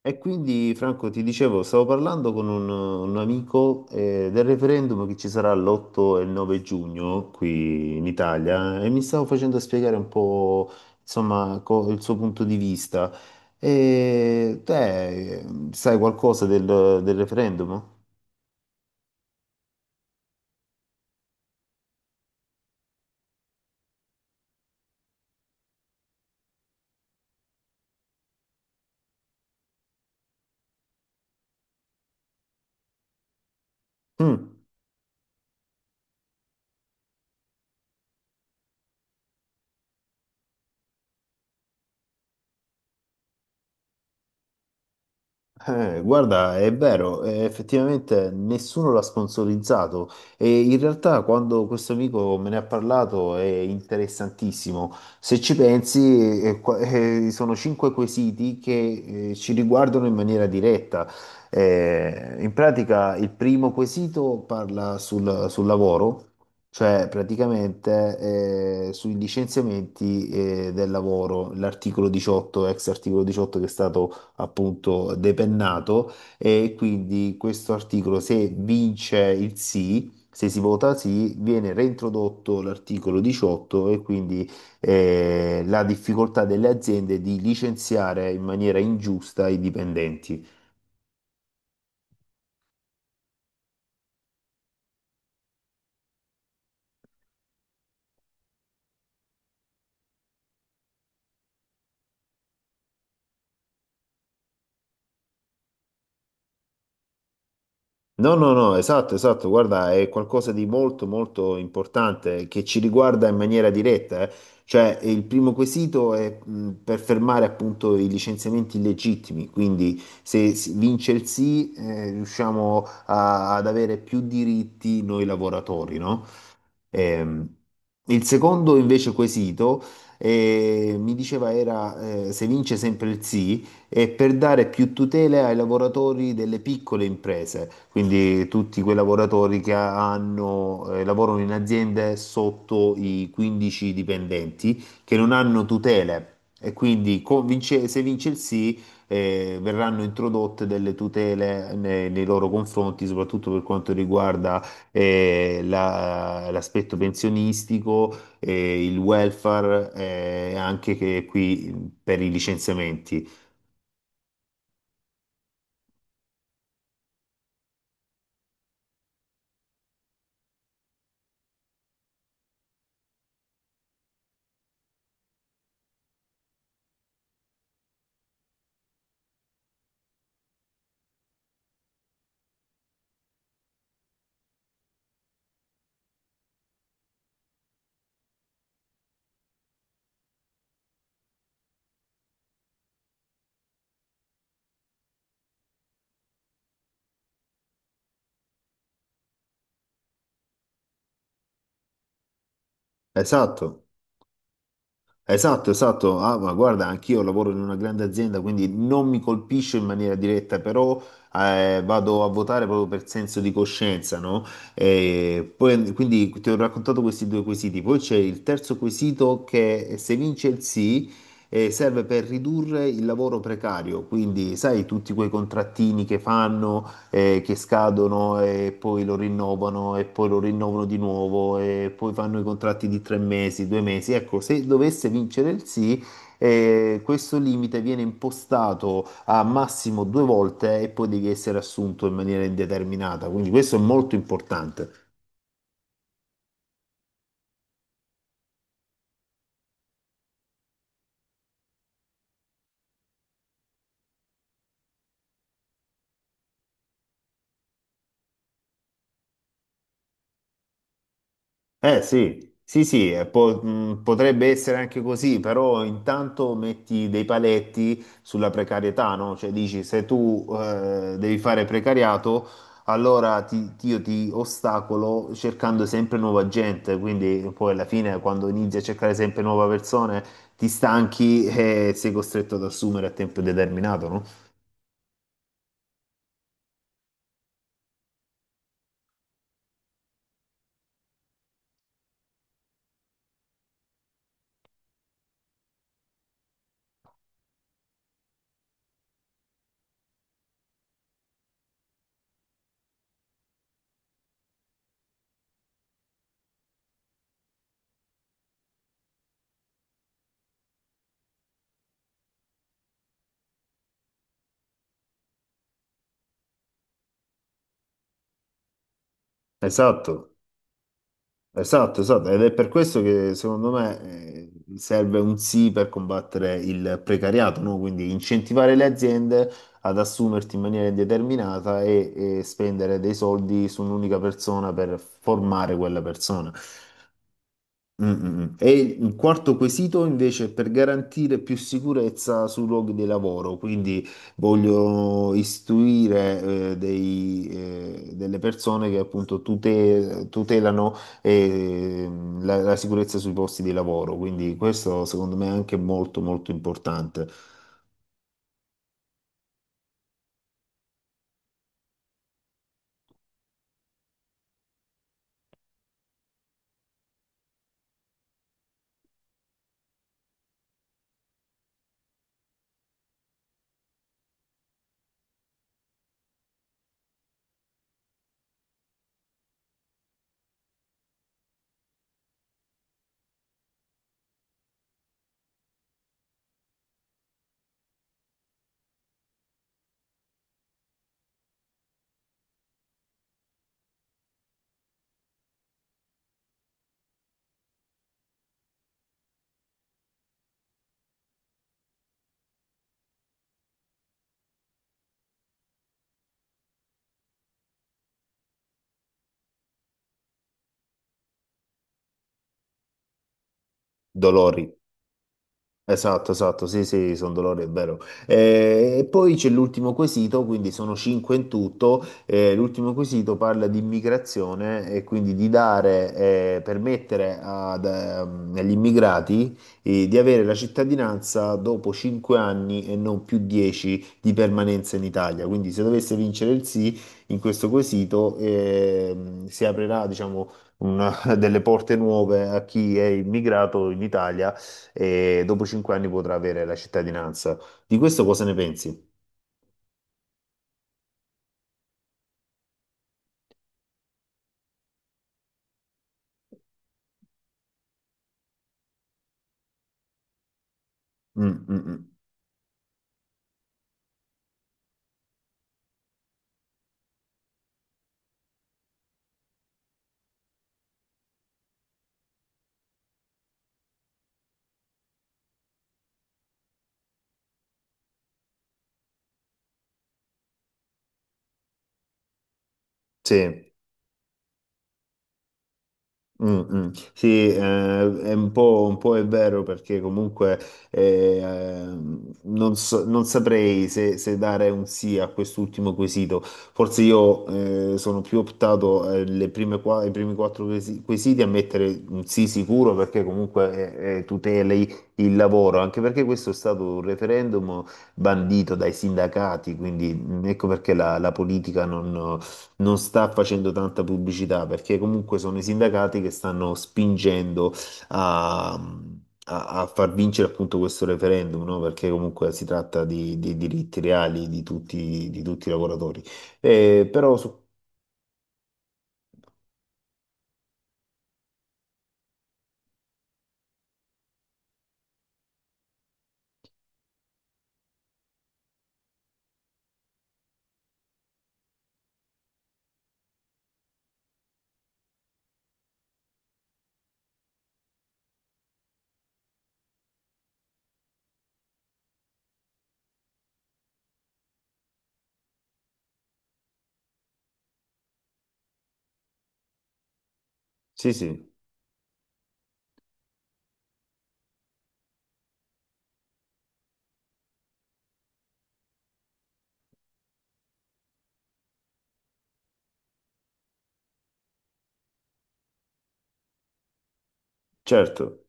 E quindi Franco ti dicevo, stavo parlando con un amico, del referendum che ci sarà l'8 e il 9 giugno qui in Italia e mi stavo facendo spiegare un po' insomma il suo punto di vista. E te, sai qualcosa del referendum? Mm. Guarda, è vero, effettivamente nessuno l'ha sponsorizzato e in realtà quando questo amico me ne ha parlato è interessantissimo. Se ci pensi, sono cinque quesiti che, ci riguardano in maniera diretta. In pratica il primo quesito parla sul lavoro, cioè praticamente, sui licenziamenti, del lavoro, l'articolo 18, ex articolo 18 che è stato appunto depennato, e quindi questo articolo se vince il sì, se si vota sì, viene reintrodotto l'articolo 18 e quindi la difficoltà delle aziende di licenziare in maniera ingiusta i dipendenti. No, no, no, esatto, esatto, guarda, è qualcosa di molto, molto importante che ci riguarda in maniera diretta, eh. Cioè, il primo quesito è per fermare appunto i licenziamenti illegittimi, quindi se vince il sì, riusciamo ad avere più diritti noi lavoratori, no? Ehm, il secondo invece quesito, mi diceva, era, se vince sempre il sì, è per dare più tutele ai lavoratori delle piccole imprese, quindi tutti quei lavoratori che hanno, lavorano in aziende sotto i 15 dipendenti che non hanno tutele e quindi se vince il sì, verranno introdotte delle tutele nei loro confronti, soprattutto per quanto riguarda l'aspetto pensionistico, il welfare, anche che qui per i licenziamenti. Esatto. Esatto, esatto. Ah, ma guarda, anch'io lavoro in una grande azienda, quindi non mi colpisce in maniera diretta, però, vado a votare proprio per senso di coscienza, no? E poi, quindi ti ho raccontato questi due quesiti. Poi c'è il terzo quesito che, se vince il sì, serve per ridurre il lavoro precario. Quindi, sai, tutti quei contrattini che fanno, che scadono e poi lo rinnovano e poi lo rinnovano di nuovo e poi fanno i contratti di tre mesi, due mesi. Ecco, se dovesse vincere il sì, questo limite viene impostato a massimo due volte e poi devi essere assunto in maniera indeterminata. Quindi questo è molto importante. Eh sì, sì, sì, potrebbe essere anche così, però intanto metti dei paletti sulla precarietà, no? Cioè dici se tu, devi fare precariato, allora io ti ostacolo cercando sempre nuova gente, quindi poi alla fine quando inizi a cercare sempre nuove persone ti stanchi e sei costretto ad assumere a tempo determinato, no? Esatto. Esatto, esatto, ed è per questo che secondo me, serve un sì per combattere il precariato, no? Quindi incentivare le aziende ad assumerti in maniera indeterminata e spendere dei soldi su un'unica persona per formare quella persona. Mm, mm, mm. E il quarto quesito invece è per garantire più sicurezza sui luoghi di lavoro, quindi voglio istruire, delle persone che appunto tutelano eh, la, la sicurezza sui posti di lavoro, quindi questo secondo me è anche molto molto importante. Dolori. Esatto, esatto, sì, sì, sono dolori, è vero. E poi c'è l'ultimo quesito, quindi sono cinque in tutto. L'ultimo quesito parla di immigrazione e quindi di dare, permettere ad, agli immigrati, di avere la cittadinanza dopo cinque anni e non più dieci di permanenza in Italia. Quindi se dovesse vincere il sì in questo quesito, si aprirà, diciamo, una- delle porte nuove a chi è immigrato in Italia e dopo cinque anni potrà avere la cittadinanza. Di questo cosa ne pensi? Mm, mm, mm. Sì. Mm, mm. Sì, è un po' è vero perché comunque non saprei se, se dare un sì a quest'ultimo quesito. Forse io, sono più optato, le i primi quattro quesiti a mettere un sì sicuro perché comunque, tuteli il lavoro, anche perché questo è stato un referendum bandito dai sindacati, quindi mm, ecco perché la politica non sta facendo tanta pubblicità perché comunque sono i sindacati che stanno spingendo a far vincere appunto questo referendum, no? Perché comunque si tratta di diritti reali di tutti i lavoratori. Eh, però su- sì, sì, certo.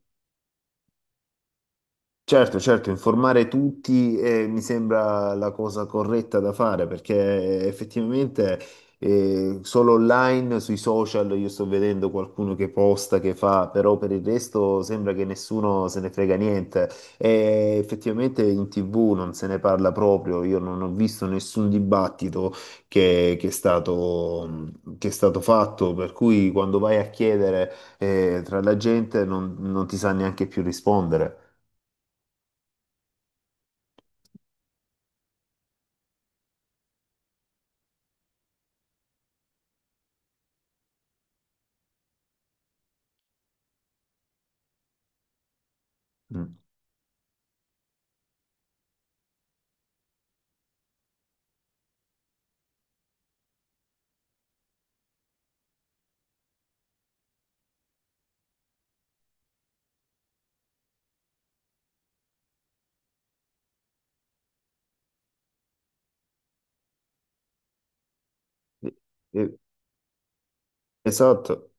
Certo, certo, informare tutti, mi sembra la cosa corretta da fare perché effettivamente, solo online, sui social, io sto vedendo qualcuno che posta, che fa, però per il resto sembra che nessuno se ne frega niente. E effettivamente in TV non se ne parla proprio, io non ho visto nessun dibattito che, che è stato, che è stato fatto, per cui quando vai a chiedere, tra la gente non ti sa neanche più rispondere. Mm. Eh, Esatto,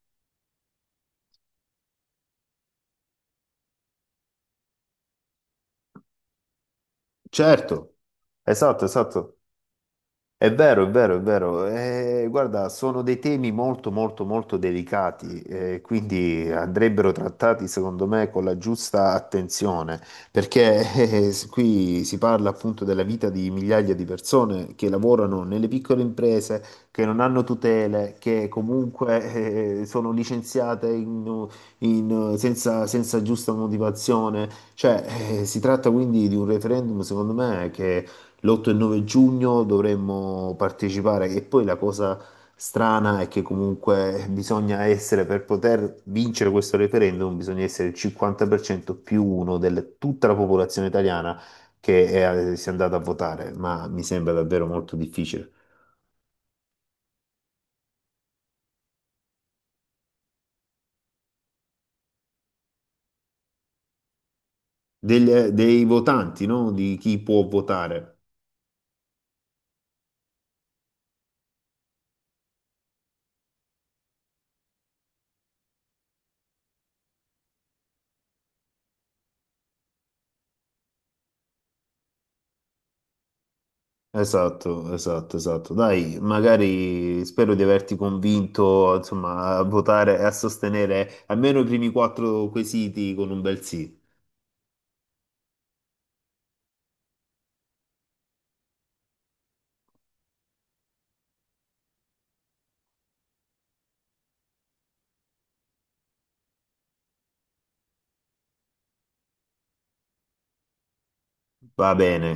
certo, esatto, esatto. È vero, è vero, è vero. Guarda, sono dei temi molto, molto, molto delicati, quindi andrebbero trattati, secondo me, con la giusta attenzione, perché qui si parla appunto della vita di migliaia di persone che lavorano nelle piccole imprese, che non hanno tutele, che comunque, sono licenziate senza, senza giusta motivazione. Cioè, si tratta quindi di un referendum, secondo me, l'8 e 9 giugno dovremmo partecipare e poi la cosa strana è che comunque bisogna essere, per poter vincere questo referendum, bisogna essere il 50% più uno di tutta la popolazione italiana che è, si è andata a votare, ma mi sembra davvero molto difficile. Dei votanti, no? Di chi può votare. Esatto, esatto, esatto. Dai, magari spero di averti convinto, insomma, a votare e a sostenere almeno i primi quattro quesiti con un bel sì. Va bene.